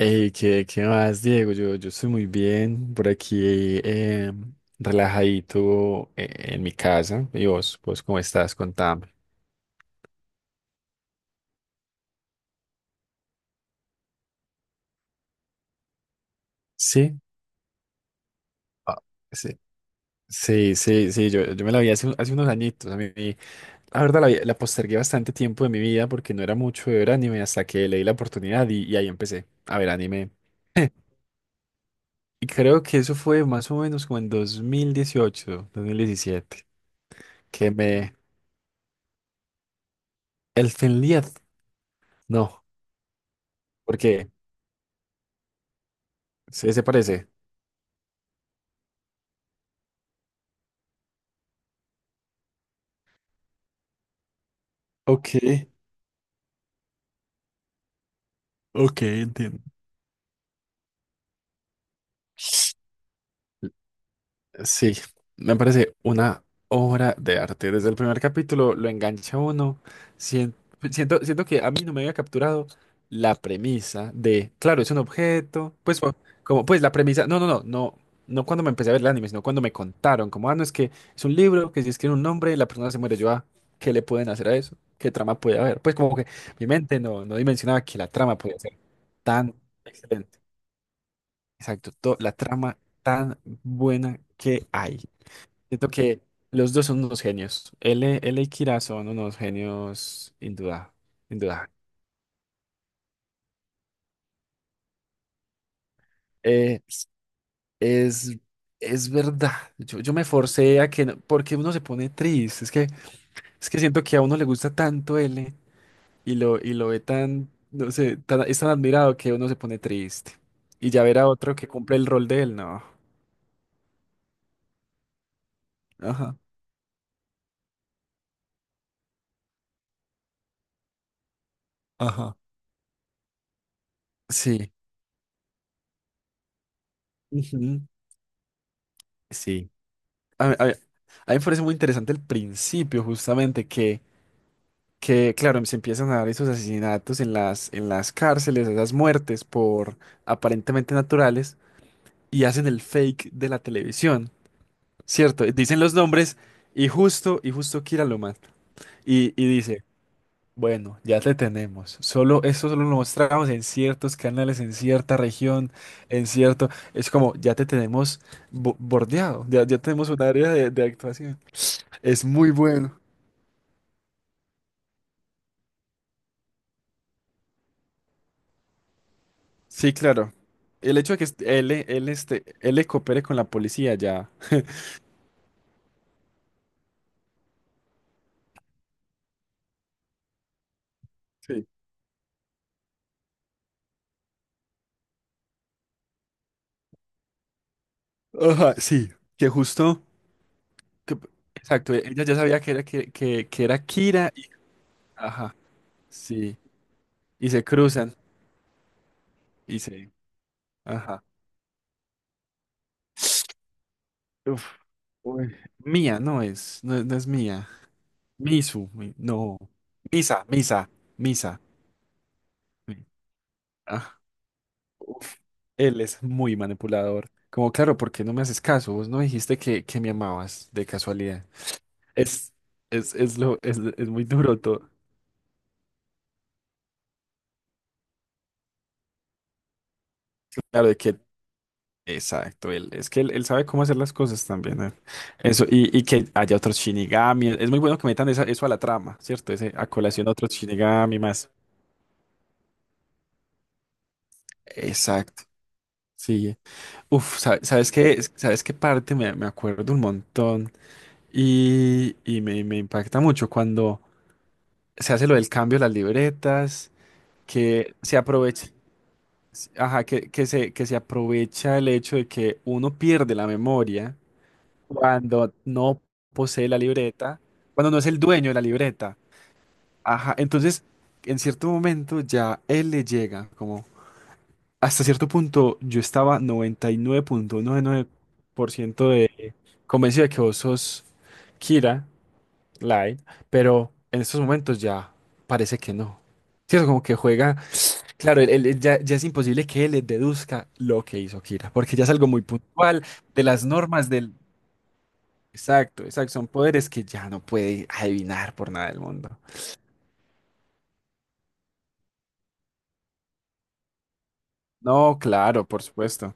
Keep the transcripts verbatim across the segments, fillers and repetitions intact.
Ey, ¿qué, qué más, Diego? Yo, yo estoy muy bien por aquí, eh, relajadito eh, en mi casa. ¿Y vos, vos cómo estás? Contame. Sí, ah, sí, sí, sí, sí, yo, yo me la vi hace, un- hace unos añitos. A mí, la verdad, la, vi- la postergué bastante tiempo de mi vida porque no era mucho de ver anime hasta que leí la oportunidad y, y ahí empecé a ver anime. Y creo que eso fue más o menos como en dos dos mil dieciocho, dos mil diecisiete, que me... El Finliad, no, porque. Sí, se parece. Ok, ok, entiendo. Sí, me parece una obra de arte. Desde el primer capítulo lo engancha uno. Sien- Siento, siento, que a mí no me había capturado la premisa de, claro, es un objeto, pues fu- como pues la premisa, no, no, no, no, no cuando me empecé a ver el anime, sino cuando me contaron, como, ah, no, es que es un libro que si escribe un nombre, la persona se muere. Yo, ah, ¿qué le pueden hacer a eso? ¿Qué trama puede haber? Pues como que mi mente no, no dimensionaba que la trama podía ser tan excelente. Exacto, to- la trama tan buena que hay. Siento que los dos son unos genios. L, L y Kira son unos genios, induda, indudable. Eh, es, es verdad. Yo, yo me forcé a que no- porque uno se pone triste. Es que, es que siento que a uno le gusta tanto L y lo, y lo ve tan, no sé, tan- es tan admirado que uno se pone triste. Y ya ver a otro que cumple el rol de él, no. Ajá. Ajá. Sí. Ujú. Sí. A, mí a a mí me parece muy interesante el principio, justamente, que, que claro, se empiezan a dar esos asesinatos en las, en las cárceles, esas muertes por aparentemente naturales, y hacen el fake de la televisión, ¿cierto? Dicen los nombres y justo, y justo Kira lo mata. Y, y dice, bueno, ya te tenemos. Solo, esto solo lo mostramos en ciertos canales, en cierta región, en cierto. Es como, ya te tenemos bo- bordeado, ya, ya tenemos un área de de actuación. Es muy bueno. Sí, claro. El hecho de que est- él, él, este, él le coopere con la policía ya. Sí. Ajá, sí. Que justo. que- exacto, ella ya sabía que era, que, que, que era Kira y. Ajá, sí. Y se cruzan y se. Ajá. Uf, uy. Mía, no es. No, es no es mía. Misu, mi- no. Misa, misa, misa. mi- Ah, uf. Él es muy manipulador. Como, claro, ¿por qué no me haces caso? Vos no dijiste que, que me amabas de casualidad. Es, es, es lo, es, es muy duro todo. Claro, de que, exacto, él, es que él, él sabe cómo hacer las cosas también, ¿eh? Eso, y, y que haya otros Shinigami, es muy bueno que metan esa- eso a la trama, ¿cierto? Ese, a colación otros Shinigami más. Exacto, sí. Uf, sa- ¿sabes qué? Es- ¿Sabes qué parte? Me, me acuerdo un montón y, y me, me impacta mucho cuando se hace lo del cambio de las libretas, que se aprovecha. Ajá, que, que se, que se aprovecha el hecho de que uno pierde la memoria cuando no posee la libreta, cuando no es el dueño de la libreta. Ajá, entonces en cierto momento ya él le llega, como hasta cierto punto yo estaba noventa noventa y y nueve nueve punto noventa y nueve por ciento de convencido de que vos sos Kira Light, pero en estos momentos ya parece que no. ¿Cierto? Como que juega. Claro, él- él- ya, ya es imposible que él deduzca lo que hizo Kira, porque ya es algo muy puntual de las normas del... Exacto, exacto, son poderes que ya no puede adivinar por nada del mundo. No, claro, por supuesto.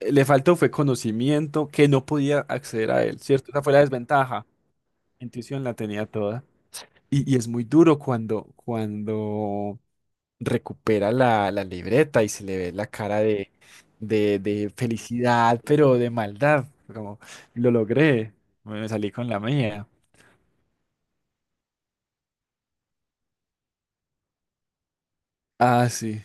Eh, Le faltó fue conocimiento que no podía acceder a él, ¿cierto? Esa fue la desventaja. Intuición la tenía toda. Y, y es muy duro cuando, cuando recupera la, la libreta y se le ve la cara de, de, de felicidad, pero de maldad, como lo logré, me salí con la mía. Ah, sí,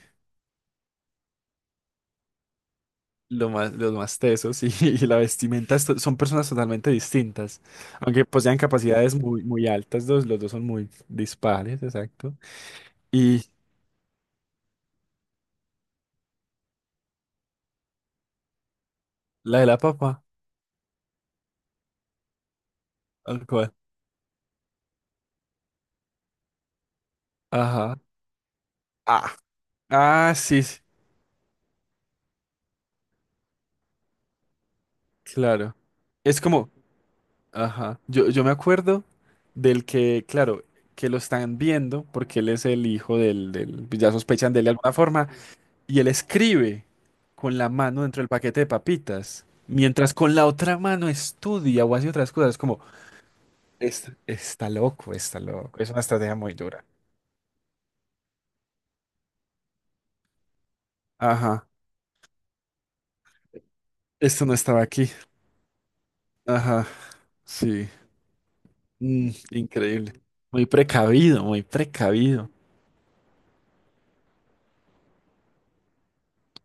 lo más, los más tesos y, y la vestimenta esto- son personas totalmente distintas, aunque posean capacidades muy, muy altas, dos los dos son muy dispares, exacto. Y la de la papa, al cual. Ajá. Ah, ah, sí, sí, claro. Es como. Ajá. Yo, yo me acuerdo del que, claro, que lo están viendo porque él es el hijo del, del, pues ya sospechan de él de alguna forma, y él escribe con la mano dentro del paquete de papitas, mientras con la otra mano estudia o hace otras cosas, como, es está, loco, está loco, es una estrategia muy dura. Ajá. Esto no estaba aquí. Ajá. Sí. Mm, increíble. Muy precavido, muy precavido.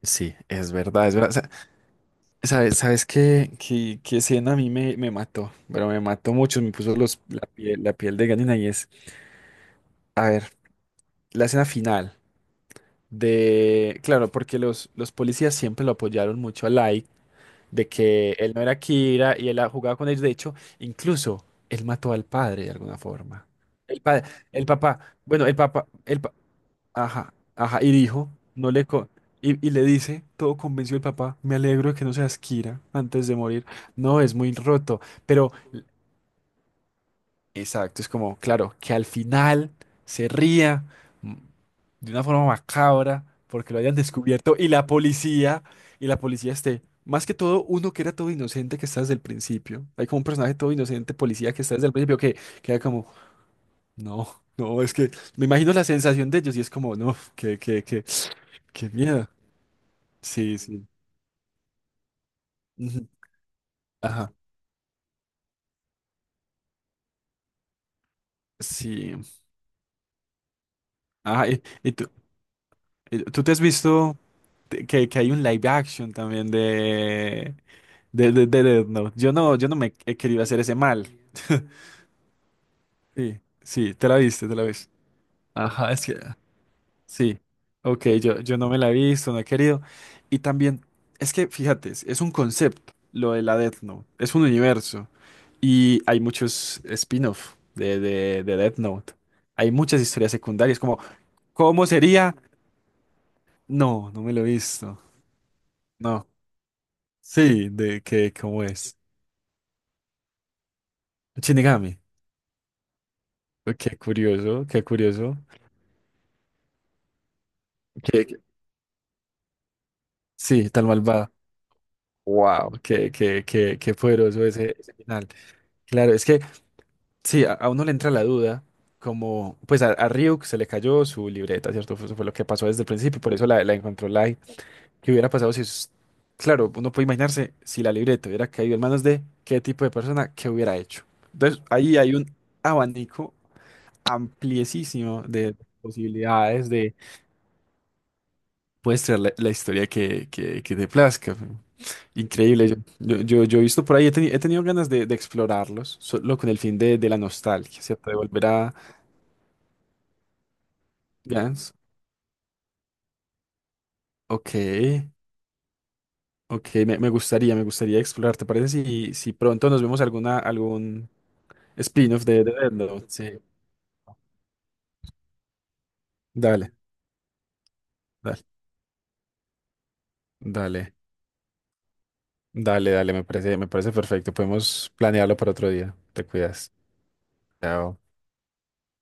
Sí, es verdad, es verdad. ¿Sabes, sabes que que qué escena a mí me, me mató? Pero me mató mucho, me puso los, la piel, la piel de gallina y es, a ver, la escena final de, claro, porque los, los policías siempre lo apoyaron mucho a Light, de que él no era Kira y él ha- jugaba con ellos, de hecho, incluso él mató al padre de alguna forma. El padre, el papá, bueno, el papá, el, pa- Ajá, ajá, y dijo, no le co- y, y le dice, todo convencido el papá, me alegro de que no seas Kira antes de morir. No, es muy roto, pero exacto, es como, claro, que al final se ría mm, de una forma macabra porque lo hayan descubierto y la policía, y la policía esté, más que todo, uno que era todo inocente que está desde el principio. Hay como un personaje todo inocente, policía que está desde el principio que queda como, no, no, es que me imagino la sensación de ellos y es como, no, que, que, que, qué miedo. Sí, sí. Ujú. Ajá. Sí. Ajá. Y, y tú, y tú te has visto te- que, que hay un live action también de, de, de, de Death Note. Yo no, yo no me he querido hacer ese mal. Sí, sí, te la viste, te la viste. Ajá, es que. Sí. Ok, yo, yo no me la he visto, no he querido. Y también, es que fíjate, es es un concepto lo de la Death Note. Es un universo. Y hay muchos spin-off de, de, de Death Note. Hay muchas historias secundarias, como. ¿Cómo sería? No, no me lo he visto. No. Sí, de que cómo es. Shinigami. Qué curioso, qué curioso. Qué- qué- sí, tan malvada. Wow, qué, qué, qué, qué poderoso ese, ese final. Claro, es que sí, a, a uno le entra la duda, como pues a, a Ryuk se le cayó su libreta, ¿cierto? Eso fue lo que pasó desde el principio, por eso la, la encontró Light. ¿Qué hubiera pasado si, es- claro, uno puede imaginarse si la libreta hubiera caído en manos de qué tipo de persona, qué hubiera hecho? Entonces, ahí hay un abanico ampliesísimo de posibilidades de puedes traer la, la historia que, que, que te plazca. Increíble. Yo, yo, yo- yo he visto por ahí, he, teni- he tenido ganas de, de explorarlos, solo con el fin de, de la nostalgia, ¿cierto? De volver a Gans. Ok, ok, me, me gustaría, me gustaría explorar. ¿Te parece si, si pronto nos vemos alguna, algún spin-off de, de Death Note? Sí. Dale, dale, dale, dale, dale, me parece, me parece perfecto. Podemos planearlo para otro día. Te cuidas. Chao.